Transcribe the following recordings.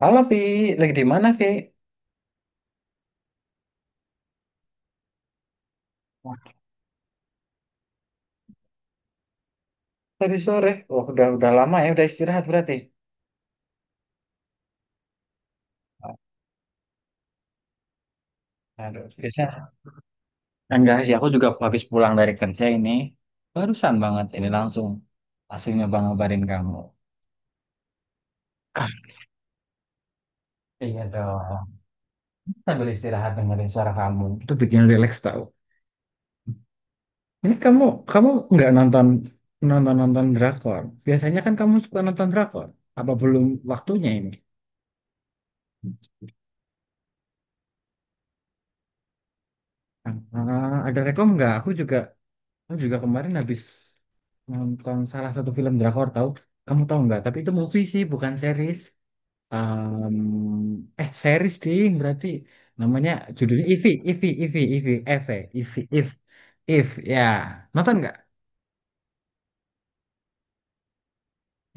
Halo Vi, lagi di mana Vi? Wah, tadi sore. Wah, udah lama ya, udah istirahat berarti. Aduh, biasa. Enggak sih, aku juga habis pulang dari kerja ini. Barusan banget ini langsung langsung nyoba ngabarin kamu. Ah, iya dong. Sambil istirahat dengerin suara kamu. Itu bikin relax tau. Ini kamu kamu nggak nonton nonton nonton drakor. Biasanya kan kamu suka nonton drakor. Apa belum waktunya ini? Ah, ada rekom nggak? Aku juga kemarin habis nonton salah satu film drakor tahu. Kamu tahu nggak? Tapi itu movie sih, bukan series. Em, eh series ding berarti namanya judulnya Ivy, Ivy, Ivy, Ivy, Eve, Ivy, If ya. Nonton nggak?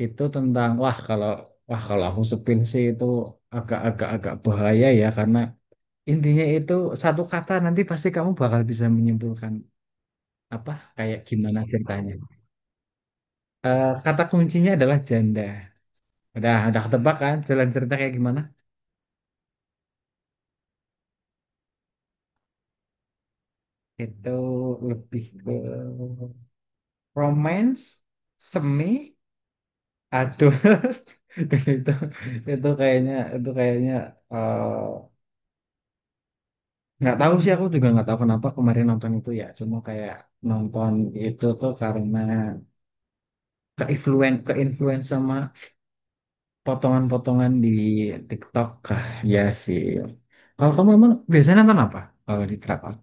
Itu tentang wah kalau aku sepil sih itu agak-agak bahaya ya, karena intinya itu satu kata nanti pasti kamu bakal bisa menyimpulkan apa kayak gimana ceritanya. Eh, kata kuncinya adalah janda. Udah ketebak kan jalan cerita kayak gimana? Itu lebih ke romance, semi, aduh. Dan itu kayaknya eh, nggak tahu sih, aku juga nggak tahu kenapa kemarin nonton itu ya. Cuma kayak nonton itu tuh karena keinfluence sama potongan-potongan di TikTok. Ah, ya sih. Kalau kamu emang biasanya nonton apa? Kalau di Trap Up?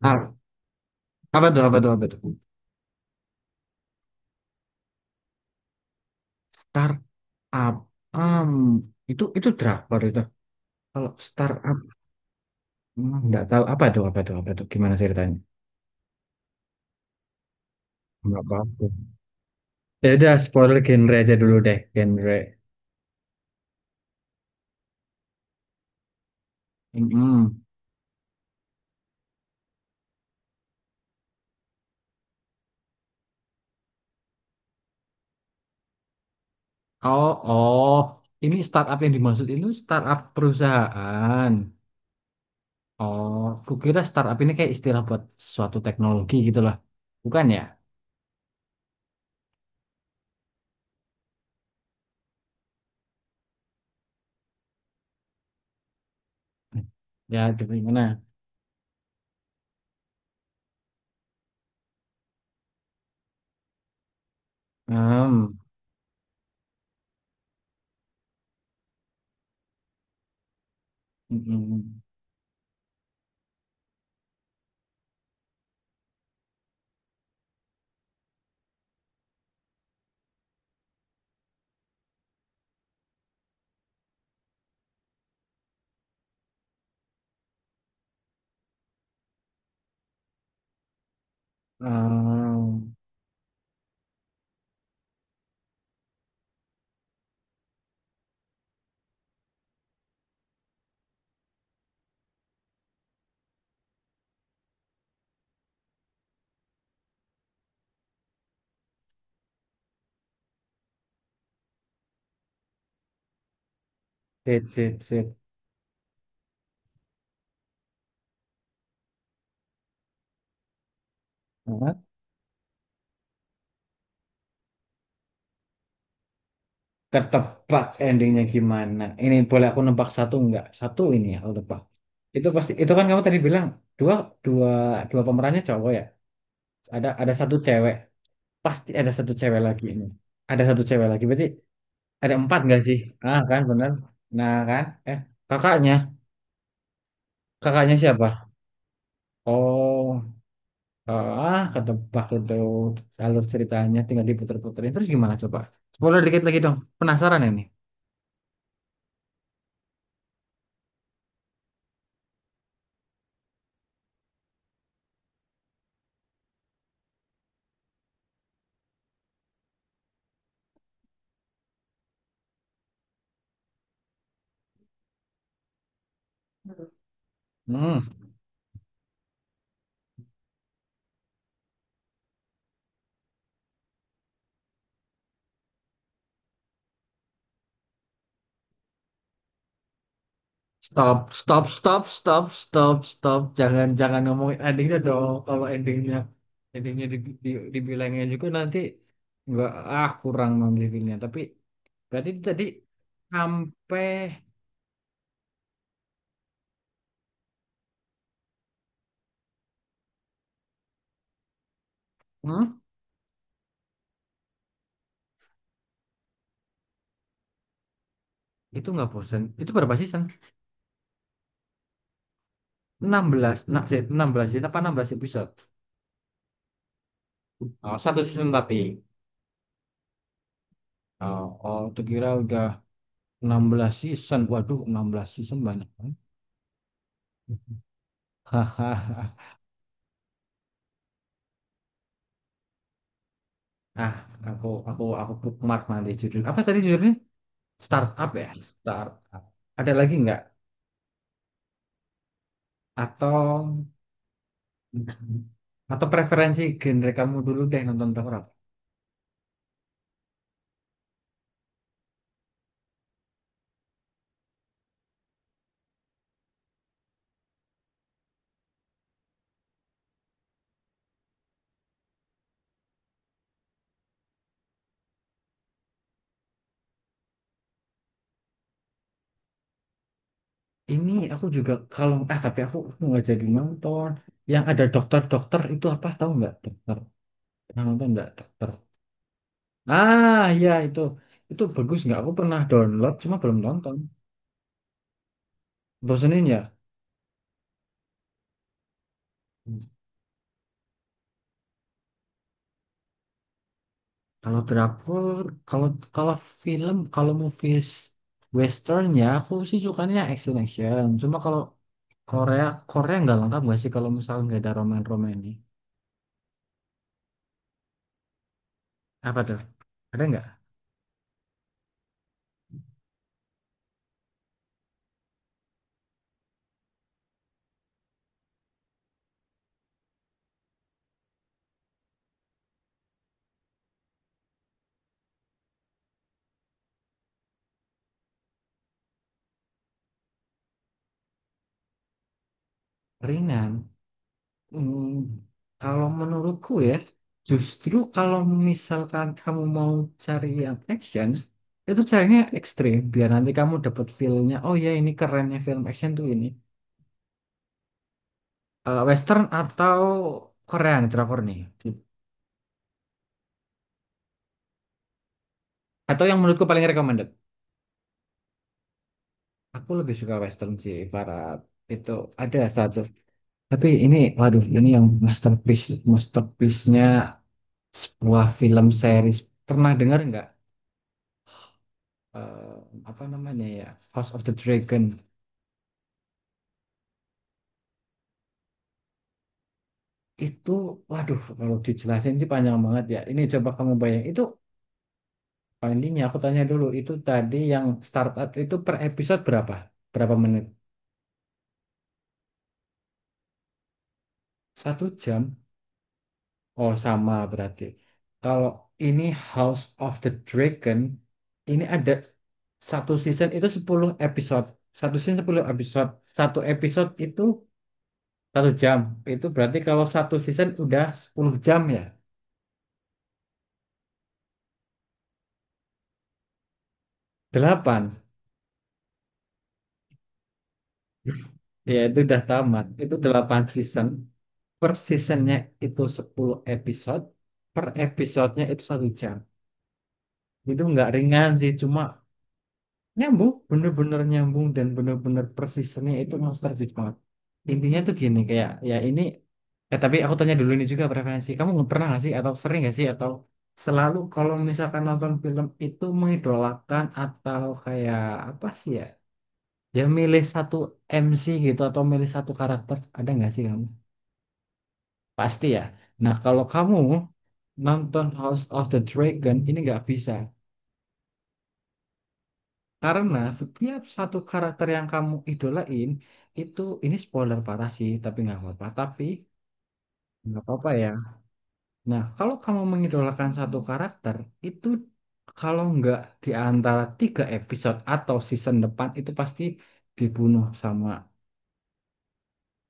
Ah, apa tuh apa tuh apa tuh? Tar Up, um, itu drakor itu. Kalau startup nggak tahu apa itu apa itu apa itu gimana ceritanya? Nggak paham. Ya udah spoiler genre aja dulu deh, genre. Mm-mm. Oh oh, ini startup yang dimaksud itu startup perusahaan. Oh, kukira startup ini kayak istilah buat suatu teknologi gitu lah. Bukan ya? Ya, jadi gimana? Hmm. Mm-mm. Hmm. Hmm. Hmm. Sip, sip, sip. Ketebak endingnya gimana. Ini boleh aku nebak satu nggak, satu ini ya aku nebak. Itu pasti, itu kan kamu tadi bilang dua dua dua pemerannya cowok ya, ada satu cewek. Pasti ada satu cewek lagi ini. Ada satu cewek lagi, berarti ada empat nggak sih? Ah, kan bener. Nah kan. eh kakaknya kakaknya siapa? Oh. Ah, ketebak itu. Alur ceritanya tinggal diputer-puterin terus gimana coba. Spoiler dikit lagi dong, penasaran ini. Hmm. Stop, stop, stop, stop, stop, stop. Jangan, jangan ngomongin endingnya dong. Kalau endingnya, endingnya di, dibilangnya juga nanti nggak, kurang nanti filmnya. Tapi berarti tadi sampai, hmm? Itu nggak bosan. Itu berapa season? 16, nah, sih, 16 season apa 16 episode? Oh, satu season tapi. Oh, oh, tuh kira udah 16 season. Waduh, 16 season banyak banget. Hahaha. Ah, aku bookmark nanti judul. Apa tadi judulnya? Startup ya, startup. Ada lagi nggak? Atau atau preferensi genre kamu dulu deh, nonton horor. Ini aku juga kalau tapi aku nggak jadi nonton. Yang ada dokter-dokter itu apa, tahu nggak, dokter? Yang nonton nggak dokter? Ah ya, itu bagus nggak? Aku pernah download cuma belum nonton. Bosenin ya? Kalau drakor, kalau kalau film, kalau movies western ya aku sih sukanya action action. Cuma kalau Korea nggak lengkap nggak sih kalau misalnya nggak ada roman-roman ini? Apa tuh? Ada nggak? Ringan. Hmm, kalau menurutku ya, justru kalau misalkan kamu mau cari yang action, itu carinya ekstrim. Biar nanti kamu dapat feel-nya, oh ya ini kerennya film action tuh ini. Eh, western atau Korean drakor nih. Atau yang menurutku paling recommended. Aku lebih suka western sih, barat. Itu ada satu. Tapi ini, waduh, ini yang masterpiece-nya sebuah film series. Pernah dengar nggak? Eh, apa namanya ya? House of the Dragon. Itu, waduh, kalau dijelasin sih panjang banget ya. Ini coba kamu bayang. Itu, paling ini aku tanya dulu. Itu tadi yang startup itu per episode berapa? Berapa menit? Satu jam? Oh, sama berarti. Kalau ini House of the Dragon, ini ada satu season itu 10 episode. Satu season 10 episode. Satu episode itu satu jam. Itu berarti kalau satu season udah 10 jam ya. Delapan. Ya, itu udah tamat. Itu 8 season. Per seasonnya itu 10 episode. Per episodenya itu satu jam. Itu nggak ringan sih, cuma nyambung, bener-bener nyambung dan bener-bener persisnya itu nostalgic banget. Intinya tuh gini kayak, ya ini tapi aku tanya dulu. Ini juga preferensi kamu, nggak pernah nggak sih atau sering nggak sih atau selalu kalau misalkan nonton film itu mengidolakan atau kayak apa sih ya, ya milih satu MC gitu atau milih satu karakter, ada nggak sih kamu? Pasti ya. Nah, kalau kamu nonton House of the Dragon ini nggak bisa. Karena setiap satu karakter yang kamu idolain itu, ini spoiler parah sih, tapi nggak apa-apa. Tapi nggak apa-apa ya. Nah, kalau kamu mengidolakan satu karakter itu, kalau nggak di antara tiga episode atau season depan itu pasti dibunuh sama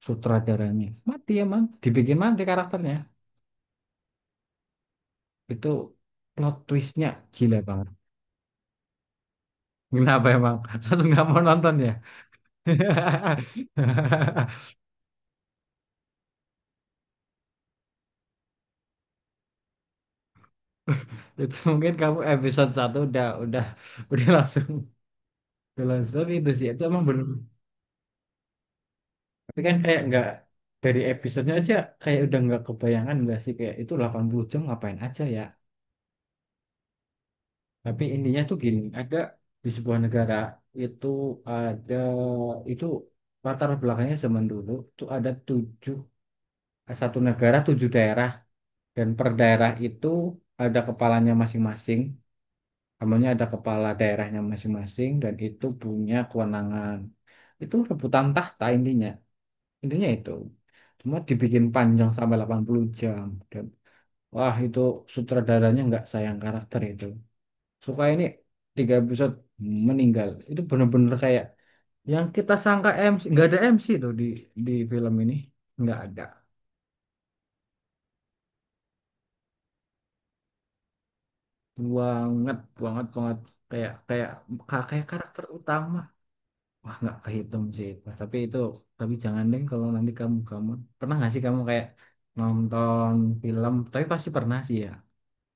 sutradaranya. Mati emang, dibikin mati karakternya. Itu plot twistnya gila banget. Kenapa emang? Langsung nggak mau nonton ya? Itu mungkin kamu episode satu udah udah langsung udah langsung. Tapi itu sih itu emang belum. Tapi kan kayak nggak, dari episodenya aja kayak udah nggak kebayangan nggak sih, kayak itu 80 jam ngapain aja ya. Tapi intinya tuh gini, ada di sebuah negara itu, ada itu latar belakangnya zaman dulu tuh ada tujuh, satu negara tujuh daerah, dan per daerah itu ada kepalanya masing-masing. Namanya ada kepala daerahnya masing-masing dan itu punya kewenangan. Itu rebutan tahta intinya. Intinya itu. Cuma dibikin panjang sampai 80 jam. Dan wah, itu sutradaranya nggak sayang karakter itu. Suka ini tiga episode meninggal. Itu bener-bener kayak yang kita sangka MC. Nggak ada MC tuh di, film ini. Nggak ada. Banget, banget, banget. Kayak kayak kayak karakter utama. Wah, nggak kehitung sih itu. Tapi itu, tapi jangan deh kalau nanti kamu kamu pernah nggak sih kamu kayak nonton film? Tapi pasti pernah sih ya.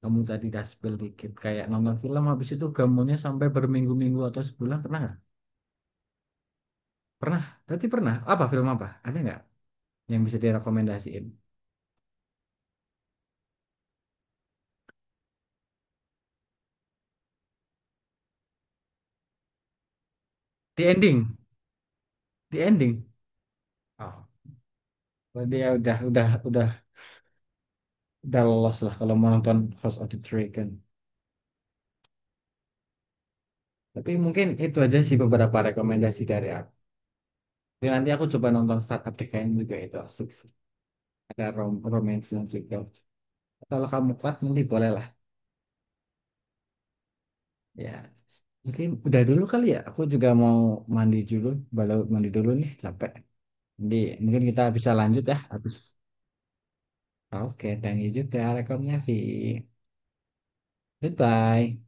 Kamu tadi udah spill dikit kayak nonton film habis itu gambarnya sampai berminggu-minggu atau sebulan, pernah nggak? Pernah. Berarti pernah. Apa film, apa? Ada nggak yang bisa direkomendasiin? The Ending. The Ending. Oh, berarti ya udah lolos lah kalau mau nonton House of the Dragon. Tapi mungkin itu aja sih beberapa rekomendasi dari aku. Jadi nanti aku coba nonton Startup Decline juga, itu asik ada romansnya juga. Kalau kamu kuat nanti bolehlah. Ya mungkin udah dulu kali ya, aku juga mau mandi dulu. Baru mandi dulu nih, capek. Jadi mungkin kita bisa lanjut ya habis. Oke, thank you juga rekomnya Vi. Goodbye.